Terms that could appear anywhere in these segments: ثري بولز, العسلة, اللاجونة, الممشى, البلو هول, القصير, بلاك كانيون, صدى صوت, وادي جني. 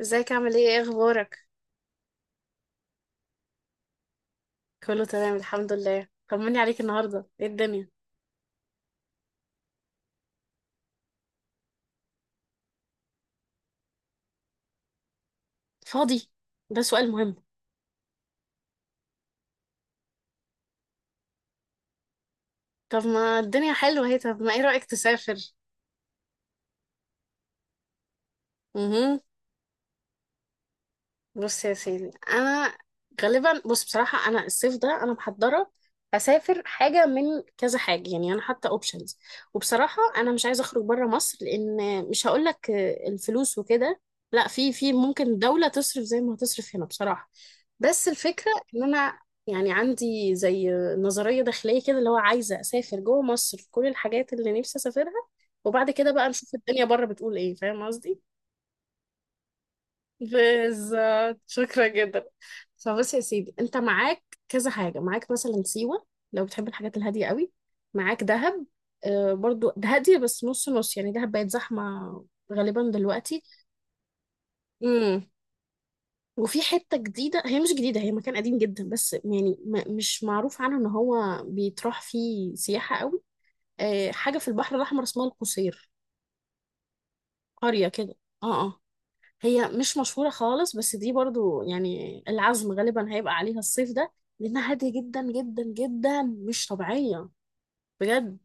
ازيك عامل ايه ايه اخبارك؟ كله تمام الحمد لله. طمني عليك، النهارده ايه الدنيا؟ فاضي؟ ده سؤال مهم. طب ما الدنيا حلوه اهي، طب ما ايه رأيك تسافر؟ امم بص يا سيدي، انا غالبا، بص بصراحه انا الصيف ده انا محضره اسافر حاجه من كذا حاجه. يعني انا حاطه اوبشنز، وبصراحه انا مش عايزه اخرج بره مصر لان، مش هقول لك الفلوس وكده، لا، في ممكن دوله تصرف زي ما هتصرف هنا بصراحه. بس الفكره ان انا يعني عندي زي نظريه داخليه كده، اللي هو عايزه اسافر جوه مصر في كل الحاجات اللي نفسي اسافرها، وبعد كده بقى نشوف الدنيا بره بتقول ايه. فاهم قصدي؟ بالظبط، شكرا جدا. فبص يا سيدي، انت معاك كذا حاجة. معاك مثلا سيوة لو بتحب الحاجات الهادية قوي، معاك دهب. آه برضو ده هادية بس نص نص، يعني دهب بقت زحمة غالبا دلوقتي. امم وفي حتة جديدة، هي مش جديدة، هي مكان قديم جدا بس يعني مش معروف عنه ان هو بيتراح فيه سياحة قوي. آه، حاجة في البحر الأحمر اسمها القصير. قرية كده. اه آه. هي مش مشهورة خالص بس دي برضو يعني العزم غالبا هيبقى عليها الصيف ده، لأنها هادية جدا جدا جدا مش طبيعية. بجد؟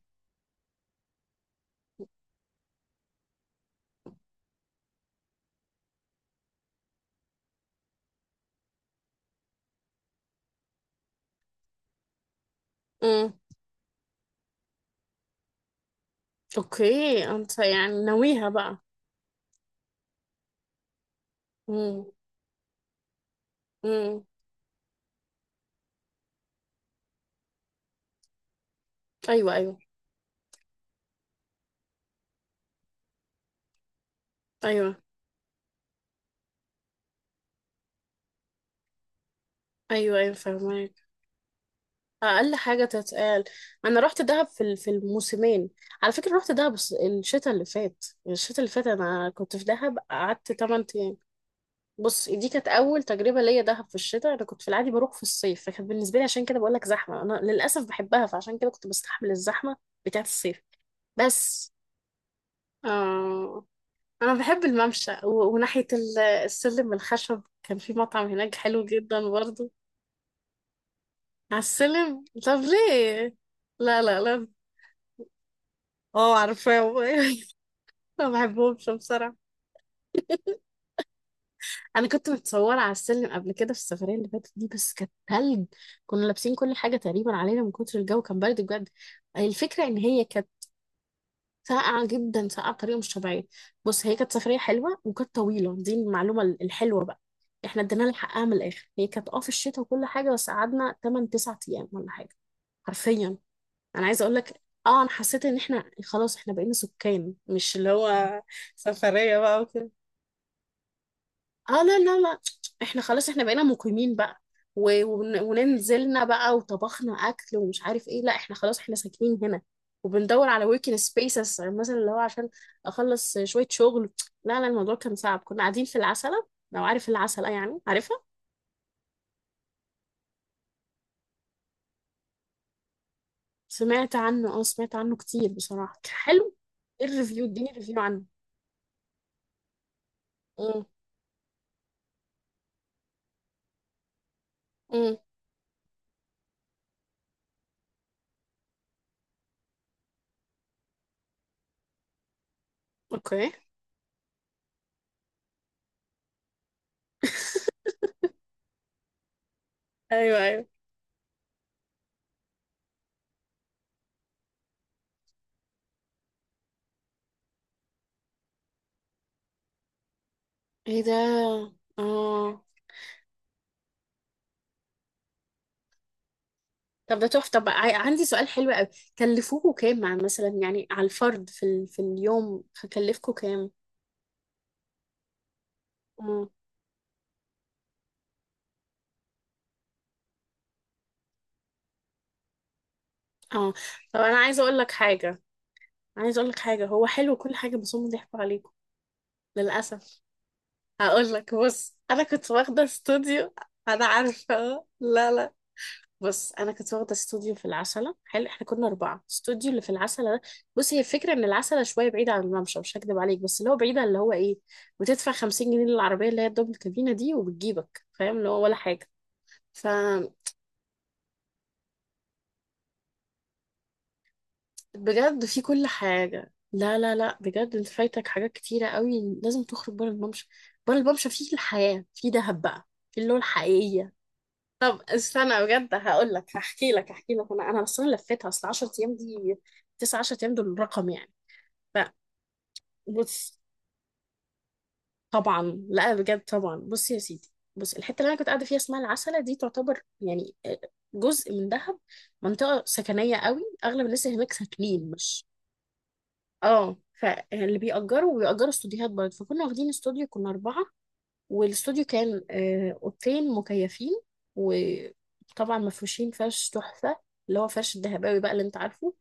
امم اوكي، انت يعني ناويها بقى. امم. امم. ايوه، ايوه. ايوه ايوه، ايوه فاهمك، اقل حاجة تتقال. انا رحت دهب في في الموسمين، على فكرة. رحت دهب الشتاء اللي فات. الشتاء اللي فات انا كنت في دهب، قعدت 8. بص، دي كانت اول تجربه ليا دهب في الشتاء. انا كنت في العادي بروح في الصيف، فكانت بالنسبه لي، عشان كده بقول لك زحمه، انا للاسف بحبها فعشان كده كنت بستحمل الزحمه بتاعه الصيف. بس آه، انا بحب الممشى وناحيه السلم الخشب، كان في مطعم هناك حلو جدا برضه. على السلم؟ طب ليه؟ لا لا لا. اه عارفاه. ما بحبهمش بصراحه. انا كنت متصوره على السلم قبل كده في السفريه اللي فاتت دي، بس كانت تلج، كنا لابسين كل حاجه تقريبا علينا من كتر الجو، كان برد بجد. الفكره ان هي كانت ساقعه جدا، ساقعه بطريقه مش طبيعيه. بص هي كانت سفريه حلوه وكانت طويله، دي المعلومه الحلوه بقى. احنا ادينا لها حقها من الاخر، هي كانت اه في الشتاء وكل حاجه بس قعدنا 8 9 ايام ولا حاجه. حرفيا. انا عايزه اقول لك، اه انا حسيت ان احنا خلاص احنا بقينا سكان، مش اللي هو سفرية بقى وكده. اه لا لا لا، احنا خلاص احنا بقينا مقيمين بقى، وننزلنا بقى وطبخنا اكل ومش عارف ايه، لا احنا خلاص احنا ساكنين هنا. وبندور على وركينج سبيسز مثلا، اللي هو عشان اخلص شويه شغل. لا لا، الموضوع كان صعب، كنا قاعدين في العسله. لو عارف العسله، يعني عارفها. سمعت عنه، اه سمعت عنه كتير، بصراحه كان حلو. ايه الريفيو؟ اديني ريفيو عنه. امم. امم. اوكي. ايوه ايوه. ايه ده! اه. طب ده تحفة. طب عندي سؤال حلو قوي، كلفوكوا كام مع مثلا يعني على الفرد في ال... في اليوم هكلفكوا كام؟ مم. اه. طب انا عايزه اقول لك حاجه، عايزه اقول لك حاجه، هو حلو كل حاجه بس هم ضحكوا عليكم للاسف. هقول لك، بص انا كنت واخده استوديو. انا عارفه، لا لا، بص انا كنت واخده استوديو في العسله حلو، احنا كنا اربعه، الاستوديو اللي في العسله ده، بص هي الفكره ان العسله شويه بعيده عن الممشى، مش هكدب عليك، بس اللي هو بعيده اللي هو ايه، بتدفع 50 جنيه للعربيه اللي هي الدبل كابينه دي وبتجيبك، فاهم اللي هو، ولا حاجه. فبجد في كل حاجه. لا لا لا، بجد انت فايتك حاجات كتيره قوي، لازم تخرج بره الممشى. بره الممشى فيه الحياه في دهب بقى، في اللي هو الحقيقيه. طب استنى بجد هقول لك، هحكي لك هحكي لك، انا انا اصلا لفيتها، اصل 10 ايام دي، 9 10 ايام دول رقم يعني. لا، بص طبعا، لا بجد طبعا، بص يا سيدي، بص الحته اللي انا كنت قاعده فيها اسمها العسله، دي تعتبر يعني آه، جزء من دهب، منطقه سكنيه قوي، اغلب الناس اللي هناك ساكنين مش، اه فاللي بيأجروا، وبيأجروا استوديوهات برضه، فكنا واخدين استوديو، كنا اربعه، والاستوديو كان آه، اوضتين مكيفين وطبعا مفروشين فرش تحفه، اللي هو فرش الدهباوي بقى اللي انت عارفه،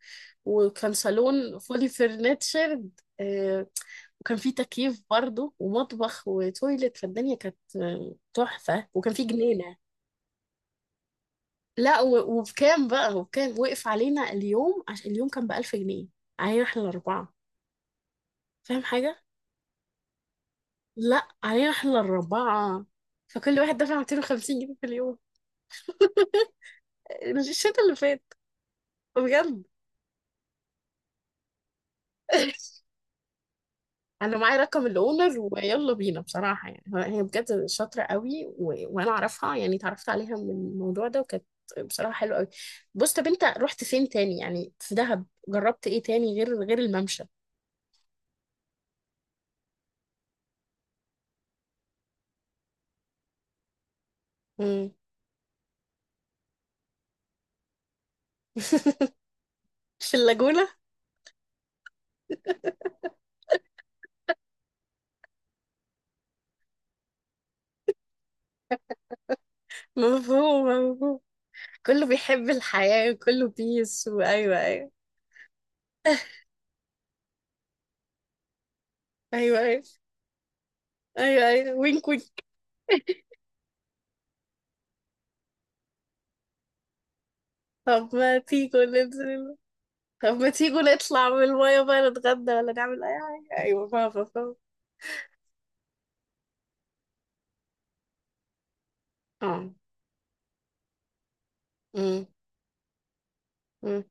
وكان صالون فولي فرنتشرد، وكان في تكييف برضه، ومطبخ، وتويلت، فالدنيا كانت آه، تحفة، وكان في جنينة. لا. وبكام بقى، وبكام وقف علينا اليوم، عشان اليوم كان بـ1000 جنيه علينا احنا الأربعة. فاهم حاجة؟ لا علينا احنا الأربعة. فكل واحد دفع 250 جنيه في اليوم. الشتا اللي فات. بجد. انا معايا رقم الاونر ويلا بينا بصراحه، يعني هي بجد شاطره قوي، و... وانا اعرفها، يعني اتعرفت عليها من الموضوع ده، وكانت بصراحه حلوه قوي. بص، طب انت رحت فين تاني يعني في دهب؟ جربت ايه تاني غير الممشى؟ مم. في اللاجونه. مفهوم، مفهوم. كله بيحب الحياه، كله بيس، وايوه ايوه. ايوه ايوه. ايوه ايوه، وينك وينك. طب ما تيجوا ننزل. طب ما تيجوا نطلع من المايه بقى، نتغدى ولا نعمل اي حاجه، ايوه فاهمه فاهمه. اه. امم. امم.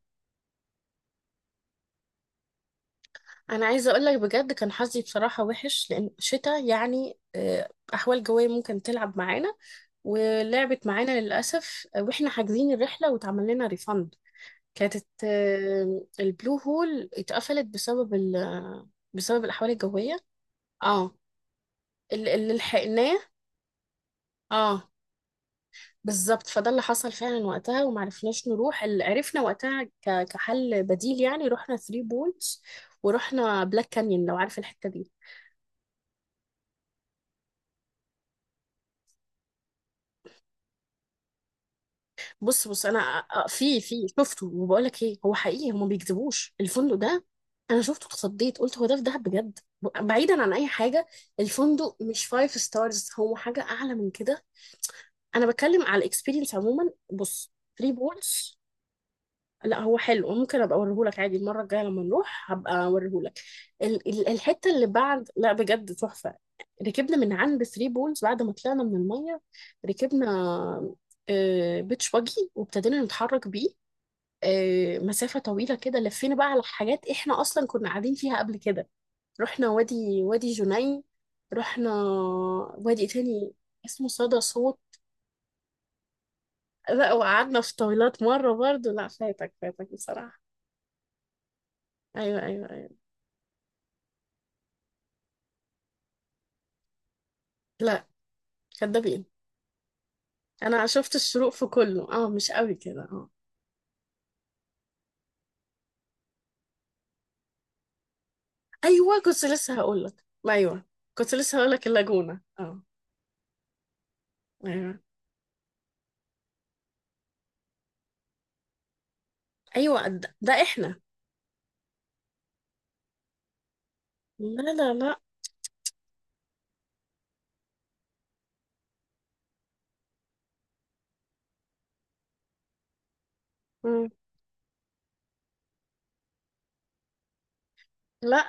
انا عايزه اقول لك، بجد كان حظي بصراحه وحش، لان شتاء يعني آه، احوال جويه ممكن تلعب معانا، ولعبت معانا للاسف آه، واحنا حاجزين الرحله واتعمل لنا ريفند. كانت آه، البلو هول اتقفلت بسبب ال، بسبب الاحوال الجويه. اه. اللي لحقناه. اه بالظبط، فده اللي حصل فعلا وقتها، ومعرفناش نروح. اللي عرفنا وقتها كحل بديل يعني، رحنا ثري بولز، ورحنا بلاك كانيون، لو عارف الحته دي. بص بص انا في شفته، وبقول لك ايه، هو حقيقي هم ما بيكذبوش، الفندق ده انا شفته اتخضيت، قلت هو ده في دهب بجد، بعيدا عن اي حاجه، الفندق مش فايف ستارز، هو حاجه اعلى من كده، انا بتكلم على الاكسبيرينس عموما. بص، ثري بولز، لا هو حلو، ممكن ابقى اوريهولك عادي المره الجايه لما نروح هبقى اوريهولك. الحته اللي بعد، لا بجد تحفه. ركبنا من عند ثري بولز بعد ما طلعنا من الميه، ركبنا بيتش باجي، وابتدينا نتحرك بيه آه، مسافة طويلة كده، لفينا بقى على حاجات احنا اصلا كنا قاعدين فيها قبل كده. رحنا وادي، وادي جني. رحنا وادي تاني اسمه صدى صوت. لا، وقعدنا في طويلات مرة برضو، لا فاتك فاتك بصراحة. ايوه ايوه ايوه. لا، كدابين. انا شفت الشروق في كله، اه مش قوي كده، اه. ايوه كنت لسه هقول لك، ايوه كنت لسه هقول لك اللاجونة، اه. ايوه ايوه، ده ده احنا. لا لا لا. مم. لا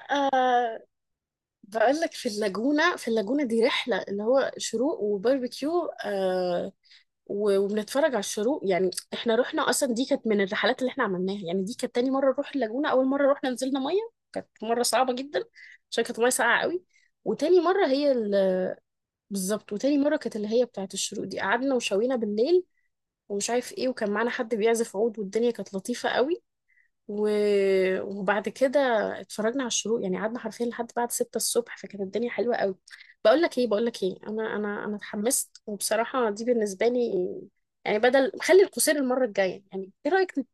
بقول لك في اللاجونة، في اللاجونة دي رحلة اللي هو شروق وباربيكيو آه، وبنتفرج على الشروق، يعني احنا رحنا، اصلا دي كانت من الرحلات اللي احنا عملناها، يعني دي كانت تاني مرة نروح اللاجونة. اول مرة رحنا نزلنا مية، مرة صعبة جدا عشان كانت مية ساقعة قوي. وتاني مرة هي بالظبط، وتاني مرة كانت اللي هي بتاعت الشروق دي، قعدنا وشوينا بالليل ومش عارف ايه، وكان معانا حد بيعزف عود، والدنيا كانت لطيفة قوي، و... وبعد كده اتفرجنا على الشروق، يعني قعدنا حرفيا لحد بعد 6 الصبح، فكانت الدنيا حلوة قوي. بقول لك ايه، بقول لك ايه، انا اتحمست، وبصراحة دي بالنسبة لي يعني، بدل خلي القصير المرة الجاية يعني، ايه رأيك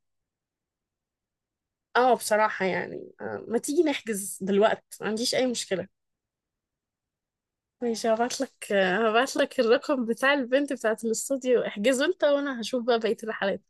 اه بصراحة يعني آه، ما تيجي نحجز دلوقتي، ما عنديش اي مشكلة. ماشي، هبعت لك هبعت لك الرقم بتاع البنت بتاعت الاستوديو، احجزه انت وانا هشوف بقى بقية الرحلات.